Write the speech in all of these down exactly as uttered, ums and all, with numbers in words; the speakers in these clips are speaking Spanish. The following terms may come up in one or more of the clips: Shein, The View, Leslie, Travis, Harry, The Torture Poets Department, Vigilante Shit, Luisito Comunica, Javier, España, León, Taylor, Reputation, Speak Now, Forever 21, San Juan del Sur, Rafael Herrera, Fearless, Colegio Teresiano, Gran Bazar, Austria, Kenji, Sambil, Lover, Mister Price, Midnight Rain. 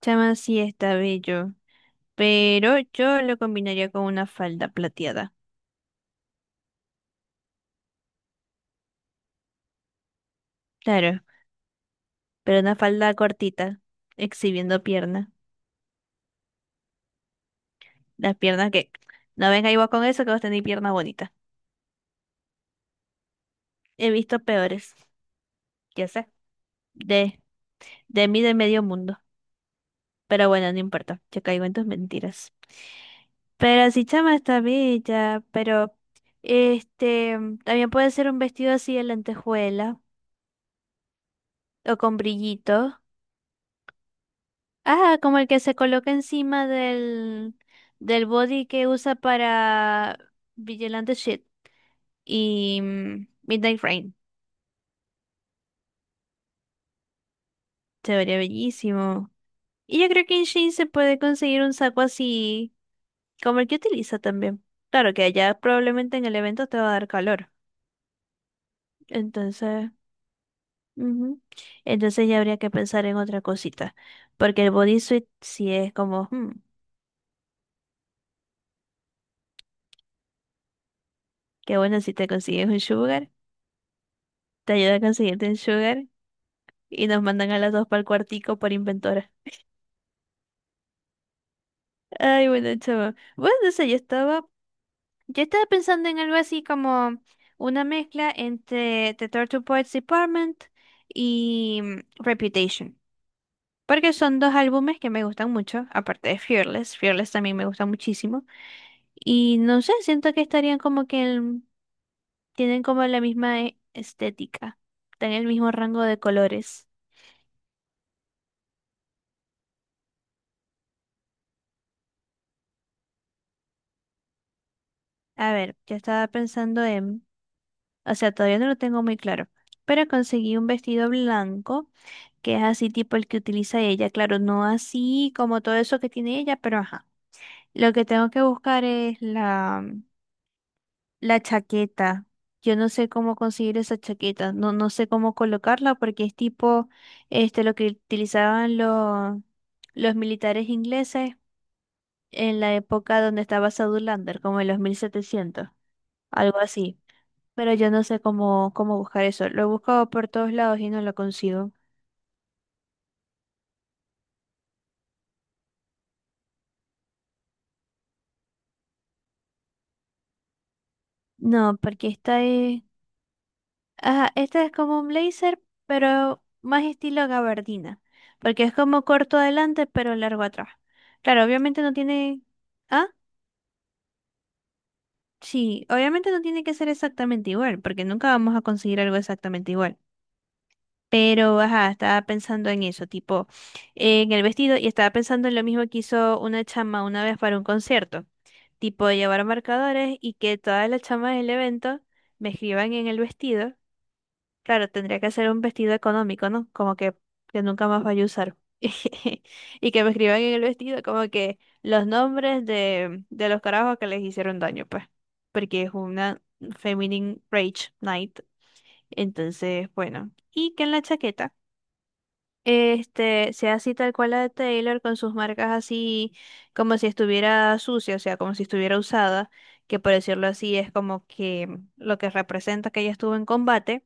Chama sí está bello, pero yo lo combinaría con una falda plateada. Claro, pero una falda cortita, exhibiendo pierna. Las piernas que... No venga igual con eso que vos tenéis pierna bonita. He visto peores, ya sé, de, de mí de medio mundo. Pero bueno, no importa, yo caigo en tus mentiras. Pero sí, chama está bella, pero este también puede ser un vestido así de lentejuela o con brillito. Ah, como el que se coloca encima del, del body que usa para Vigilante Shit y mm, Midnight Rain. Se vería bellísimo. Y yo creo que en Shein se puede conseguir un saco así como el que utiliza también. Claro que allá probablemente en el evento te va a dar calor. Entonces, ujú. Entonces ya habría que pensar en otra cosita. Porque el bodysuit sí es como, hmm, qué bueno si te consigues un sugar. Te ayuda a conseguirte un sugar y nos mandan a las dos para el cuartico por inventora. Ay, bueno, chaval. Bueno, no sé, yo estaba, yo estaba pensando en algo así como una mezcla entre The Torture Poets Department y mm, Reputation. Porque son dos álbumes que me gustan mucho, aparte de Fearless. Fearless también me gusta muchísimo. Y no sé, siento que estarían como que en- tienen como la misma e- estética, están en el mismo rango de colores. A ver, yo estaba pensando en... O sea, todavía no lo tengo muy claro. Pero conseguí un vestido blanco, que es así tipo el que utiliza ella. Claro, no así como todo eso que tiene ella, pero ajá. Lo que tengo que buscar es la, la chaqueta. Yo no sé cómo conseguir esa chaqueta. No, no sé cómo colocarla porque es tipo este, lo que utilizaban los, los militares ingleses en la época donde estaba Sadulander, como en los mil setecientos, algo así, pero yo no sé cómo, cómo buscar eso. Lo he buscado por todos lados y no lo consigo. No, porque esta es... Ajá, esta es como un blazer, pero más estilo gabardina. Porque es como corto adelante, pero largo atrás. Claro, obviamente no tiene... Ah, sí, obviamente no tiene que ser exactamente igual, porque nunca vamos a conseguir algo exactamente igual. Pero, ajá, estaba pensando en eso, tipo, en el vestido, y estaba pensando en lo mismo que hizo una chama una vez para un concierto, tipo, llevar marcadores y que todas las chamas del evento me escriban en el vestido. Claro, tendría que hacer un vestido económico, ¿no? Como que, que nunca más vaya a usar. Y que me escriban en el vestido como que los nombres de, de los carajos que les hicieron daño, pues, porque es una Feminine Rage Night. Entonces, bueno, y que en la chaqueta. Este, sea así tal cual la de Taylor, con sus marcas así como si estuviera sucia, o sea, como si estuviera usada, que por decirlo así es como que mm, lo que representa que ella estuvo en combate.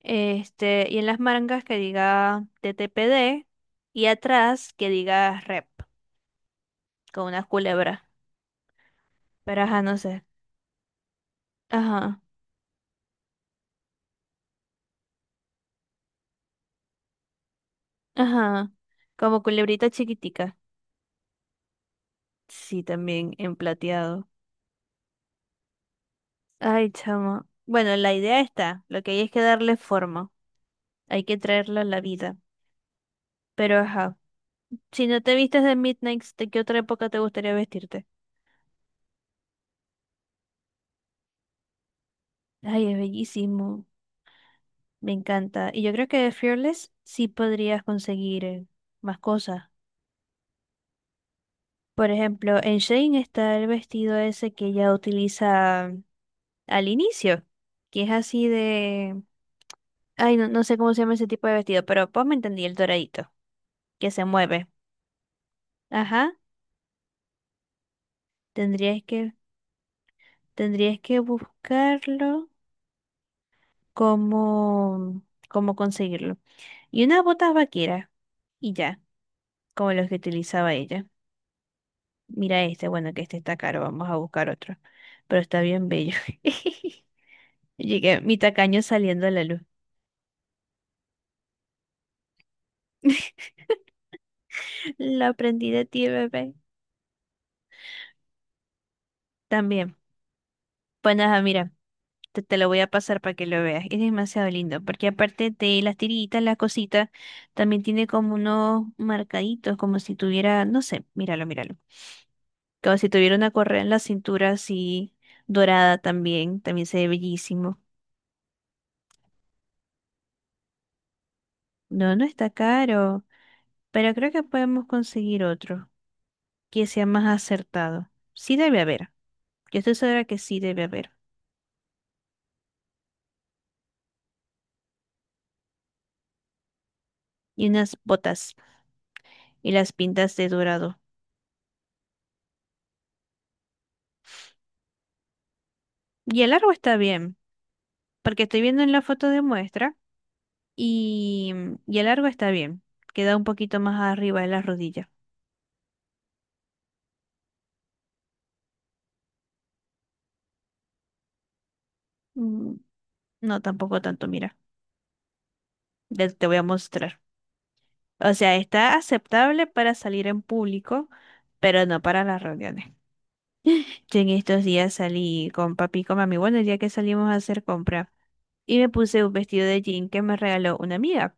Este, y en las mangas que diga T T P D y atrás que diga rep, con una culebra. Pero ajá, no sé. Ajá, ajá. Como culebrita chiquitica. Sí, también en plateado. Ay, chamo. Bueno, la idea está, lo que hay es que darle forma. Hay que traerla a la vida. Pero ajá, si no te vistes de Midnight, ¿de qué otra época te gustaría vestirte? Ay, es bellísimo. Me encanta. Y yo creo que de Fearless sí podrías conseguir eh, más cosas. Por ejemplo, en Shane está el vestido ese que ella utiliza al inicio, que es así de... Ay, no, no sé cómo se llama ese tipo de vestido, pero pues me entendí el doradito, que se mueve. Ajá, tendrías que, tendrías que buscarlo cómo, cómo conseguirlo. Y unas botas vaqueras, y ya, como los que utilizaba ella. Mira este, bueno, que este está caro, vamos a buscar otro. Pero está bien bello. Llegué, mi tacaño saliendo a la luz. Lo aprendí de ti, bebé. También. Pues nada, mira, te, te lo voy a pasar para que lo veas. Es demasiado lindo, porque aparte de las tiritas, las cositas, también tiene como unos marcaditos, como si tuviera, no sé, míralo, míralo. Como si tuviera una correa en la cintura así, dorada también, también se ve bellísimo. No, no está caro, pero creo que podemos conseguir otro que sea más acertado. Sí debe haber, yo estoy segura que sí debe haber. Y unas botas y las pintas de dorado. Y el largo está bien, porque estoy viendo en la foto de muestra y, y el largo está bien. Queda un poquito más arriba de la rodilla. Mm, No, tampoco tanto, mira, te te voy a mostrar. O sea, está aceptable para salir en público, pero no para las reuniones. Yo en estos días salí con papi y con mami, bueno, el día que salimos a hacer compra, y me puse un vestido de jean que me regaló una amiga,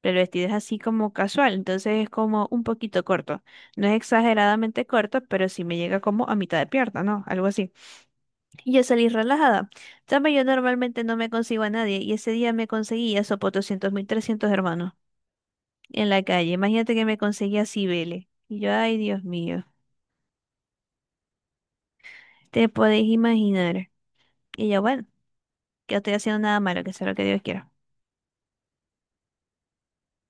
pero el vestido es así como casual, entonces es como un poquito corto, no es exageradamente corto, pero sí me llega como a mitad de pierna, ¿no? Algo así. Y yo salí relajada. También yo normalmente no me consigo a nadie, y ese día me conseguí a Sopo doscientos mil trescientos hermanos en la calle, imagínate que me conseguí a Cibele, y yo, ay Dios mío, te podéis imaginar. Y yo, bueno, que no estoy haciendo nada malo, que sea lo que Dios quiera.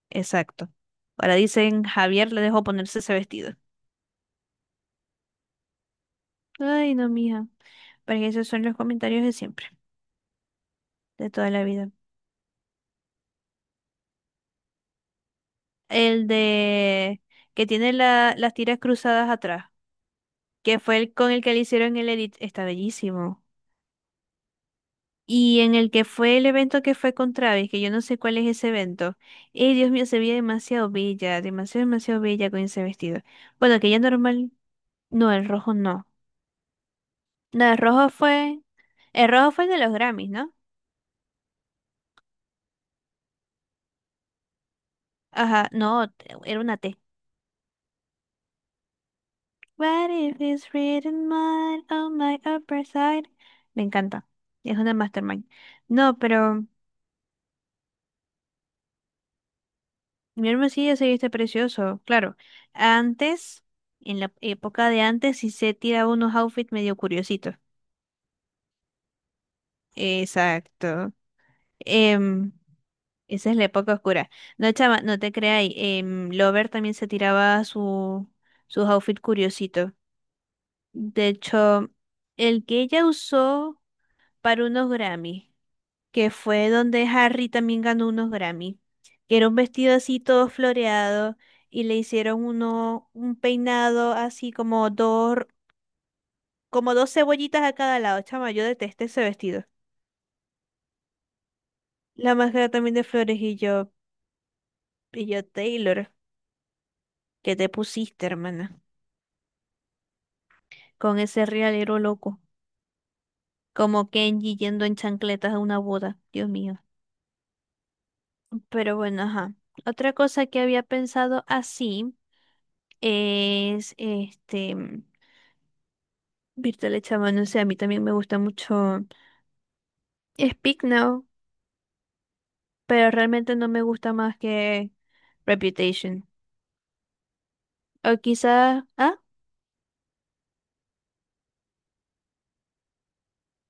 Exacto. Ahora dicen, Javier le dejó ponerse ese vestido. Ay, no, mija. Pero esos son los comentarios de siempre, de toda la vida. El de que tiene la- las tiras cruzadas atrás, que fue el con el que le hicieron el edit, está bellísimo. Y en el que fue el evento que fue con Travis, que yo no sé cuál es ese evento. Eh, Dios mío, se veía demasiado bella, demasiado, demasiado bella con ese vestido. Bueno, que ya normal, no, el rojo no. No, el rojo fue. El rojo fue el de los Grammys, ¿no? Ajá, no, t- era una T. What if it's written mine on my upper side? Me encanta. Es una mastermind. No, pero mi hermosillo se viste precioso. Claro, antes, en la época de antes, sí se tiraba unos outfits medio curiositos. Exacto. Em, Esa es la época oscura. No, chama, no te creáis. em, Lover también se tiraba su, sus outfits curiositos. De hecho, el que ella usó para unos Grammy, que fue donde Harry también ganó unos Grammy, que era un vestido así todo floreado y le hicieron uno, un peinado así como dos, como dos cebollitas a cada lado. Chama, yo detesté ese vestido. La máscara también de flores y yo, y yo, Taylor, ¿qué te pusiste, hermana? Con ese realero loco, como Kenji yendo en chancletas a una boda. Dios mío. Pero bueno, ajá. Otra cosa que había pensado así es este Virtual Chama, no sé, a mí también me gusta mucho Speak Now, pero realmente no me gusta más que Reputation. O quizás, ah,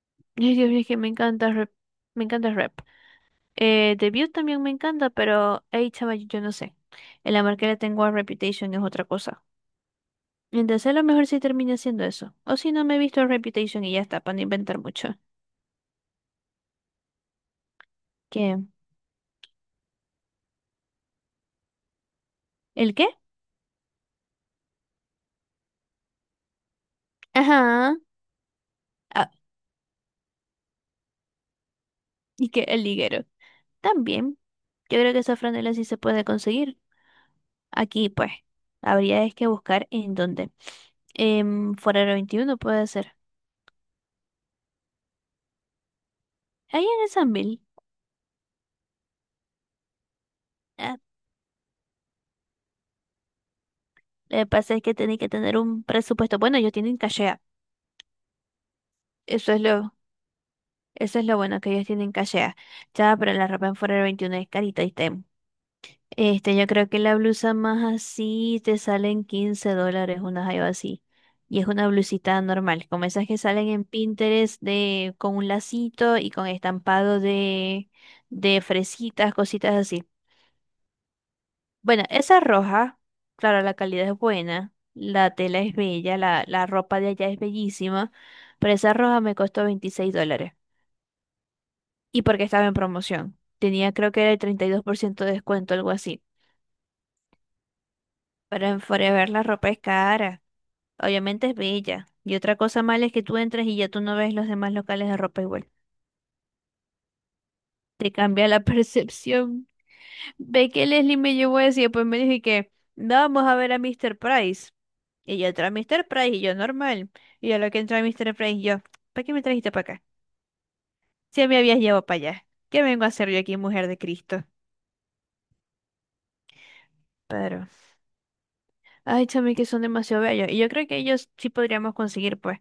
ay, Dios mío, es que me encanta Rep, me encanta rep Eh, The View también me encanta, pero hey, chama, yo yo no sé. El amor que le tengo a Reputation es otra cosa. Entonces a lo mejor sí termina siendo eso. O si no me he visto Reputation y ya está, para no inventar mucho. ¿Qué? ¿El qué? Ajá. Ah, y que el liguero. También. Yo creo que esa franela sí se puede conseguir. Aquí, pues, habría es que buscar en dónde. En Forero veintiuno puede ser. Ahí en el Sambil. Ah, lo que pasa es que tienen que tener un presupuesto. Bueno, ellos tienen cachea. Eso es lo, eso es lo bueno que ellos tienen cachea. Ya, pero la ropa en Forero veintiuno es carita y está. Este, yo creo que la blusa más así te salen quince dólares, una jaiba así. Y es una blusita normal, como esas que salen en Pinterest de, con un lacito y con estampado de, de fresitas, cositas así. Bueno, esa roja, claro, la calidad es buena, la tela es bella, la, la ropa de allá es bellísima, pero esa roja me costó veintiséis dólares. Y porque estaba en promoción. Tenía creo que era el treinta y dos por ciento de descuento, algo así. Pero en Forever la ropa es cara. Obviamente es bella. Y otra cosa mala es que tú entras y ya tú no ves los demás locales de ropa igual. Te cambia la percepción. Ve que Leslie me llevó así, y después me dije que "No, vamos a ver a Mister Price". Y yo entré a Mister Price y yo normal. Y a lo que entré a Mister Price yo, ¿para qué me trajiste para acá? Si me habías llevado para allá. ¿Qué vengo a hacer yo aquí, mujer de Cristo? Pero, ay, chame, que son demasiado bellos. Y yo creo que ellos sí podríamos conseguir, pues.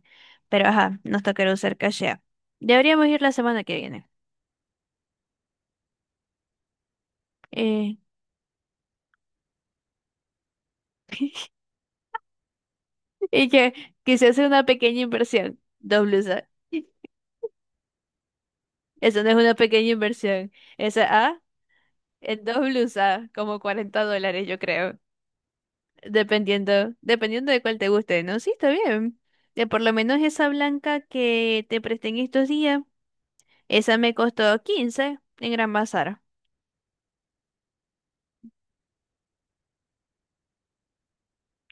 Pero ajá, nos tocará usar cachea. Deberíamos ir la semana que viene. Eh, Y que quise hacer una pequeña inversión. Dos blusas. Eso no es una pequeña inversión. Esa A, en dos blusas, como cuarenta dólares, yo creo. Dependiendo, dependiendo de cuál te guste, ¿no? Sí, está bien. Eh, por lo menos esa blanca que te presté en estos días, esa me costó quince en Gran Bazar.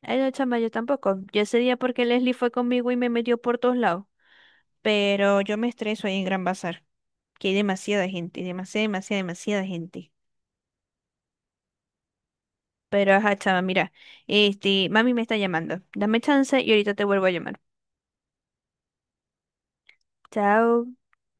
Ay, no, chama, yo tampoco. Yo ese día porque Leslie fue conmigo y me metió por todos lados. Pero yo me estreso ahí en Gran Bazar, que hay demasiada gente, demasiada, demasiada, demasiada gente. Pero ajá, chama, mira, este, mami me está llamando. Dame chance y ahorita te vuelvo a llamar. Chao.